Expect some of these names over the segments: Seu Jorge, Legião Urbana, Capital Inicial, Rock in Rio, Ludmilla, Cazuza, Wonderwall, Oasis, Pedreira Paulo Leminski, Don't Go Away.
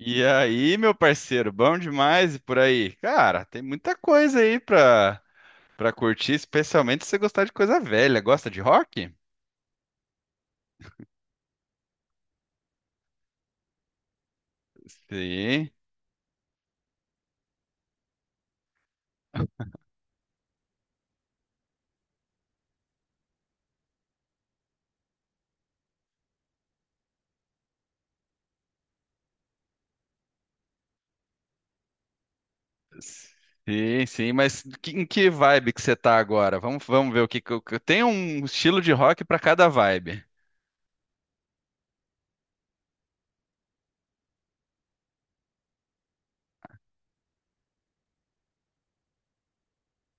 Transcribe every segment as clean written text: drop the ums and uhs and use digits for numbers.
E aí, meu parceiro, bom demais e por aí? Cara, tem muita coisa aí pra curtir, especialmente se você gostar de coisa velha. Gosta de rock? Sim, sim, mas em que vibe que você tá agora? Vamos ver o que eu Tem um estilo de rock pra cada vibe.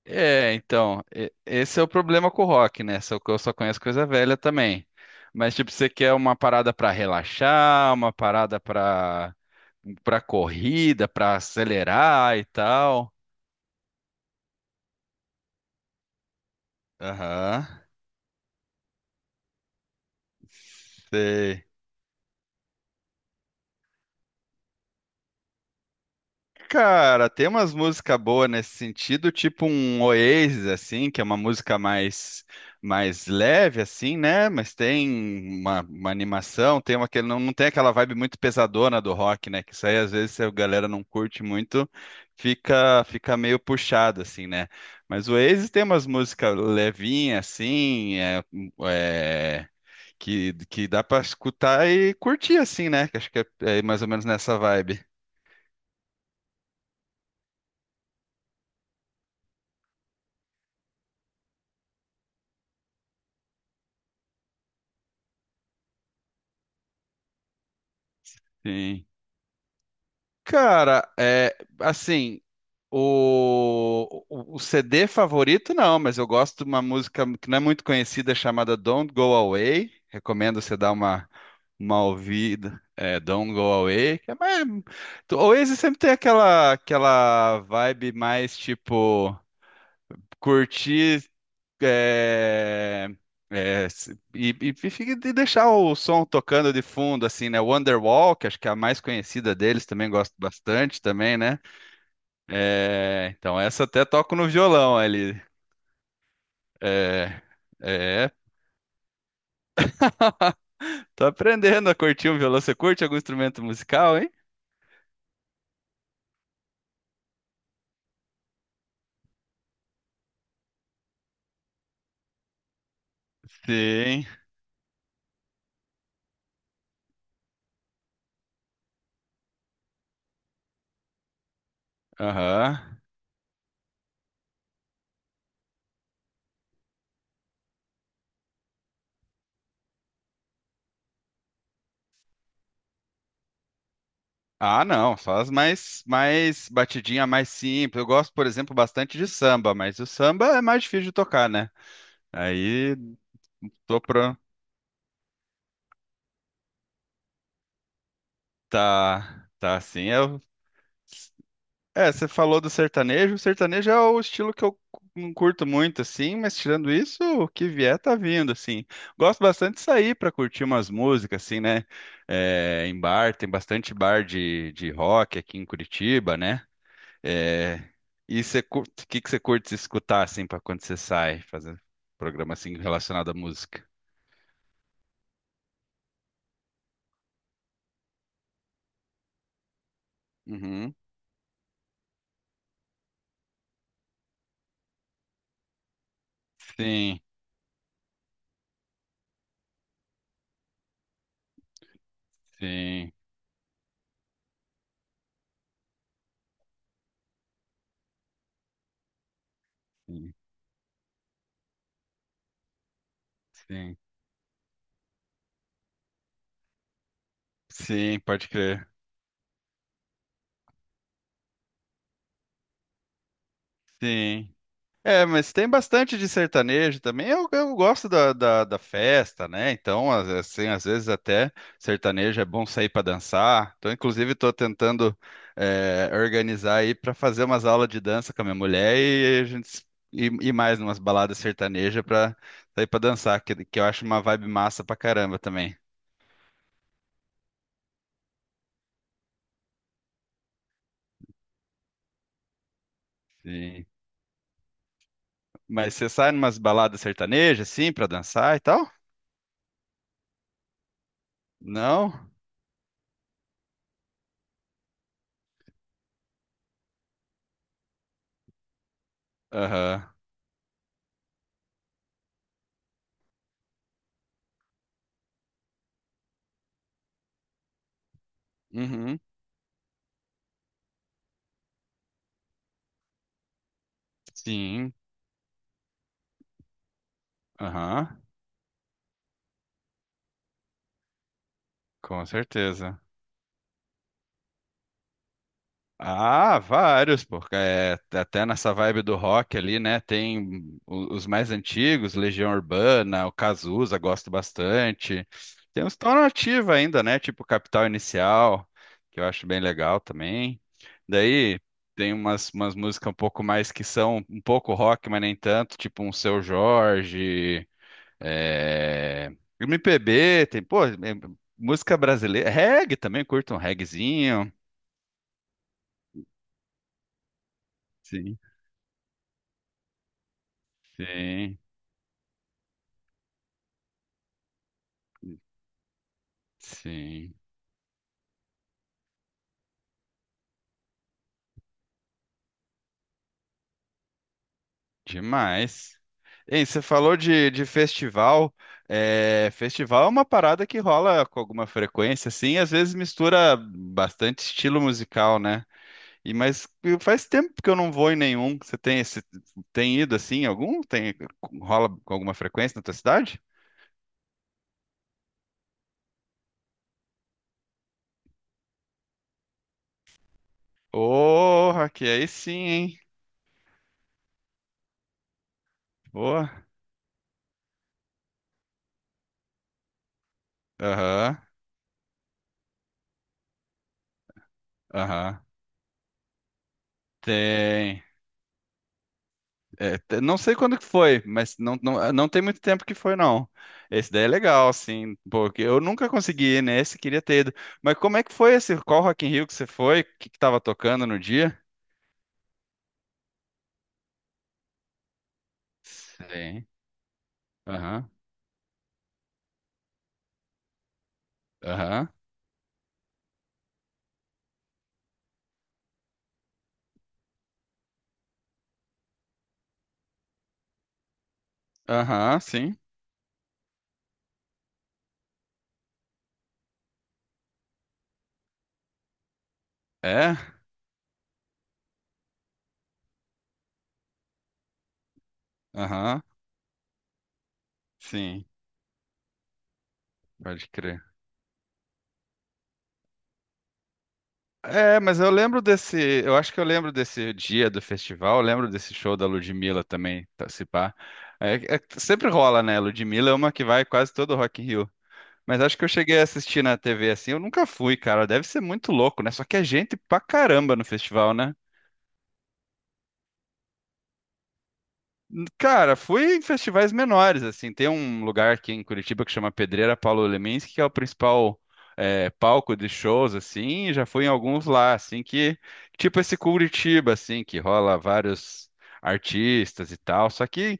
É, então, esse é o problema com o rock, né? Só que eu só conheço coisa velha também. Mas, tipo, você quer uma parada pra relaxar, uma parada pra para corrida, para acelerar e tal. Aham. Sei. Cara, tem umas músicas boas nesse sentido, tipo um Oasis, assim, que é uma música mais leve, assim, né? Mas tem uma animação, tem uma que não tem aquela vibe muito pesadona do rock, né? Que isso aí, às vezes, se a galera não curte muito, fica meio puxado, assim, né? Mas o Oasis tem umas músicas levinhas, assim, é, que dá pra escutar e curtir assim, né? Que acho que é mais ou menos nessa vibe. Sim. Cara, é assim, o CD favorito não, mas eu gosto de uma música que não é muito conhecida chamada Don't Go Away. Recomendo você dar uma ouvida. É, Don't Go Away. Que é mais... O Oasis sempre tem aquela vibe mais tipo curtir é, e fica de deixar o som tocando de fundo, assim, né? Wonderwall, que acho que é a mais conhecida deles, também gosto bastante também, né? É, então essa até toco no violão ali. É, é, tô aprendendo a curtir um violão. Você curte algum instrumento musical, hein? Sim. Aham. Ah, não, só as mais batidinha, mais simples. Eu gosto, por exemplo, bastante de samba, mas o samba é mais difícil de tocar, né? Aí tô pro... Tá, tá assim. Você falou do sertanejo. O sertanejo é o estilo que eu não curto muito, assim, mas tirando isso, o que vier tá vindo, assim. Gosto bastante de sair pra curtir umas músicas, assim, né? É, em bar, tem bastante bar de rock aqui em Curitiba, né? É, e você curte, o que que você curte escutar, assim, pra quando você sai, fazer um programa, assim, relacionado à música? Uhum. Sim, sim, sim, sim, sim, pode crer. Sim. É, mas tem bastante de sertanejo também. Eu gosto da festa, né? Então, assim, às vezes até sertanejo é bom sair para dançar. Então, inclusive, estou tentando organizar aí para fazer umas aulas de dança com a minha mulher e a gente ir mais numas baladas sertanejas para sair para dançar, que eu acho uma vibe massa pra caramba também. Sim. Mas você sai numas baladas sertanejas, assim, para dançar e tal? Não? Aham. Uhum. Sim. Aham. Com certeza. Ah, vários, porque é, até nessa vibe do rock ali, né? Tem os mais antigos, Legião Urbana, o Cazuza, gosto bastante. Tem uns que estão na ativa ainda, né? Tipo Capital Inicial, que eu acho bem legal também. Daí tem umas músicas um pouco mais que são um pouco rock, mas nem tanto, tipo um Seu Jorge, é, MPB, tem, pô, é, música brasileira, reggae também, curto um reggaezinho. Sim, sim, sim, demais. Hein, você falou de festival. É, festival é uma parada que rola com alguma frequência, assim, às vezes mistura bastante estilo musical, né? E mas faz tempo que eu não vou em nenhum. Você tem esse, tem ido assim, em algum? Tem rola com alguma frequência na tua cidade? Porra, que aí sim, hein? Boa. Aham, aham. Tem. É, não sei quando que foi, mas não tem muito tempo que foi, não. Esse daí é legal, assim, porque eu nunca consegui ir nesse, queria ter ido. Mas como é que foi esse? Qual Rock in Rio que você foi? O que que tava tocando no dia? Sim. Aham, aham, aham, sim. É? Aham, sim, pode crer. É, mas eu lembro desse, eu acho que eu lembro desse dia do festival, eu lembro desse show da Ludmilla também, tá, se pá. Sempre rola, né? Ludmilla é uma que vai quase todo Rock in Rio. Mas acho que eu cheguei a assistir na TV assim. Eu nunca fui, cara. Deve ser muito louco, né? Só que é gente pra caramba no festival, né? Cara, fui em festivais menores, assim. Tem um lugar aqui em Curitiba que chama Pedreira Paulo Leminski, que é o principal palco de shows, assim. Já fui em alguns lá, assim, que... Tipo esse Curitiba, assim, que rola vários artistas e tal. Só que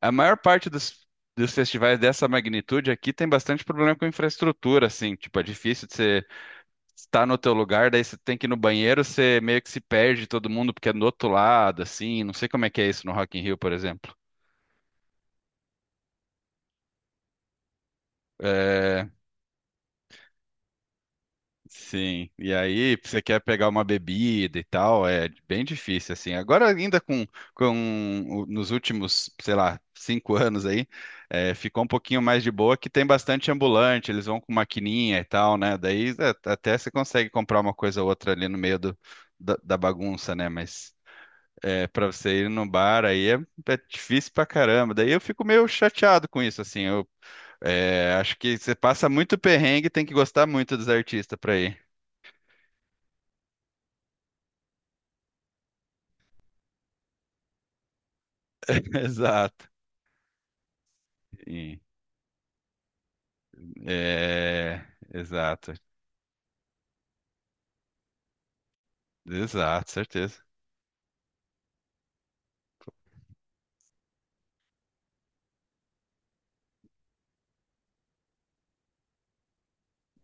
a maior parte dos... Dos festivais dessa magnitude aqui tem bastante problema com infraestrutura, assim, tipo, é difícil de ser está no teu lugar, daí você tem que ir no banheiro, você meio que se perde todo mundo porque é do outro lado, assim, não sei como é que é isso no Rock in Rio, por exemplo. É, sim. E aí, você quer pegar uma bebida e tal, é bem difícil, assim. Agora, ainda nos últimos, sei lá, cinco anos aí, ficou um pouquinho mais de boa, que tem bastante ambulante, eles vão com maquininha e tal, né? Daí até você consegue comprar uma coisa ou outra ali no meio do, da bagunça, né? Mas é, para você ir no bar aí é difícil pra caramba. Daí eu fico meio chateado com isso, assim. Acho que você passa muito perrengue e tem que gostar muito dos artistas pra ir. Exato. Sim. É, exato. Exato, certeza.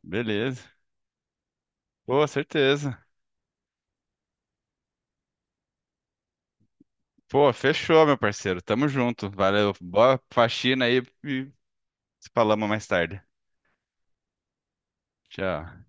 Beleza. Pô, certeza. Pô, fechou, meu parceiro. Tamo junto. Valeu. Boa faxina aí e se falamos mais tarde. Tchau.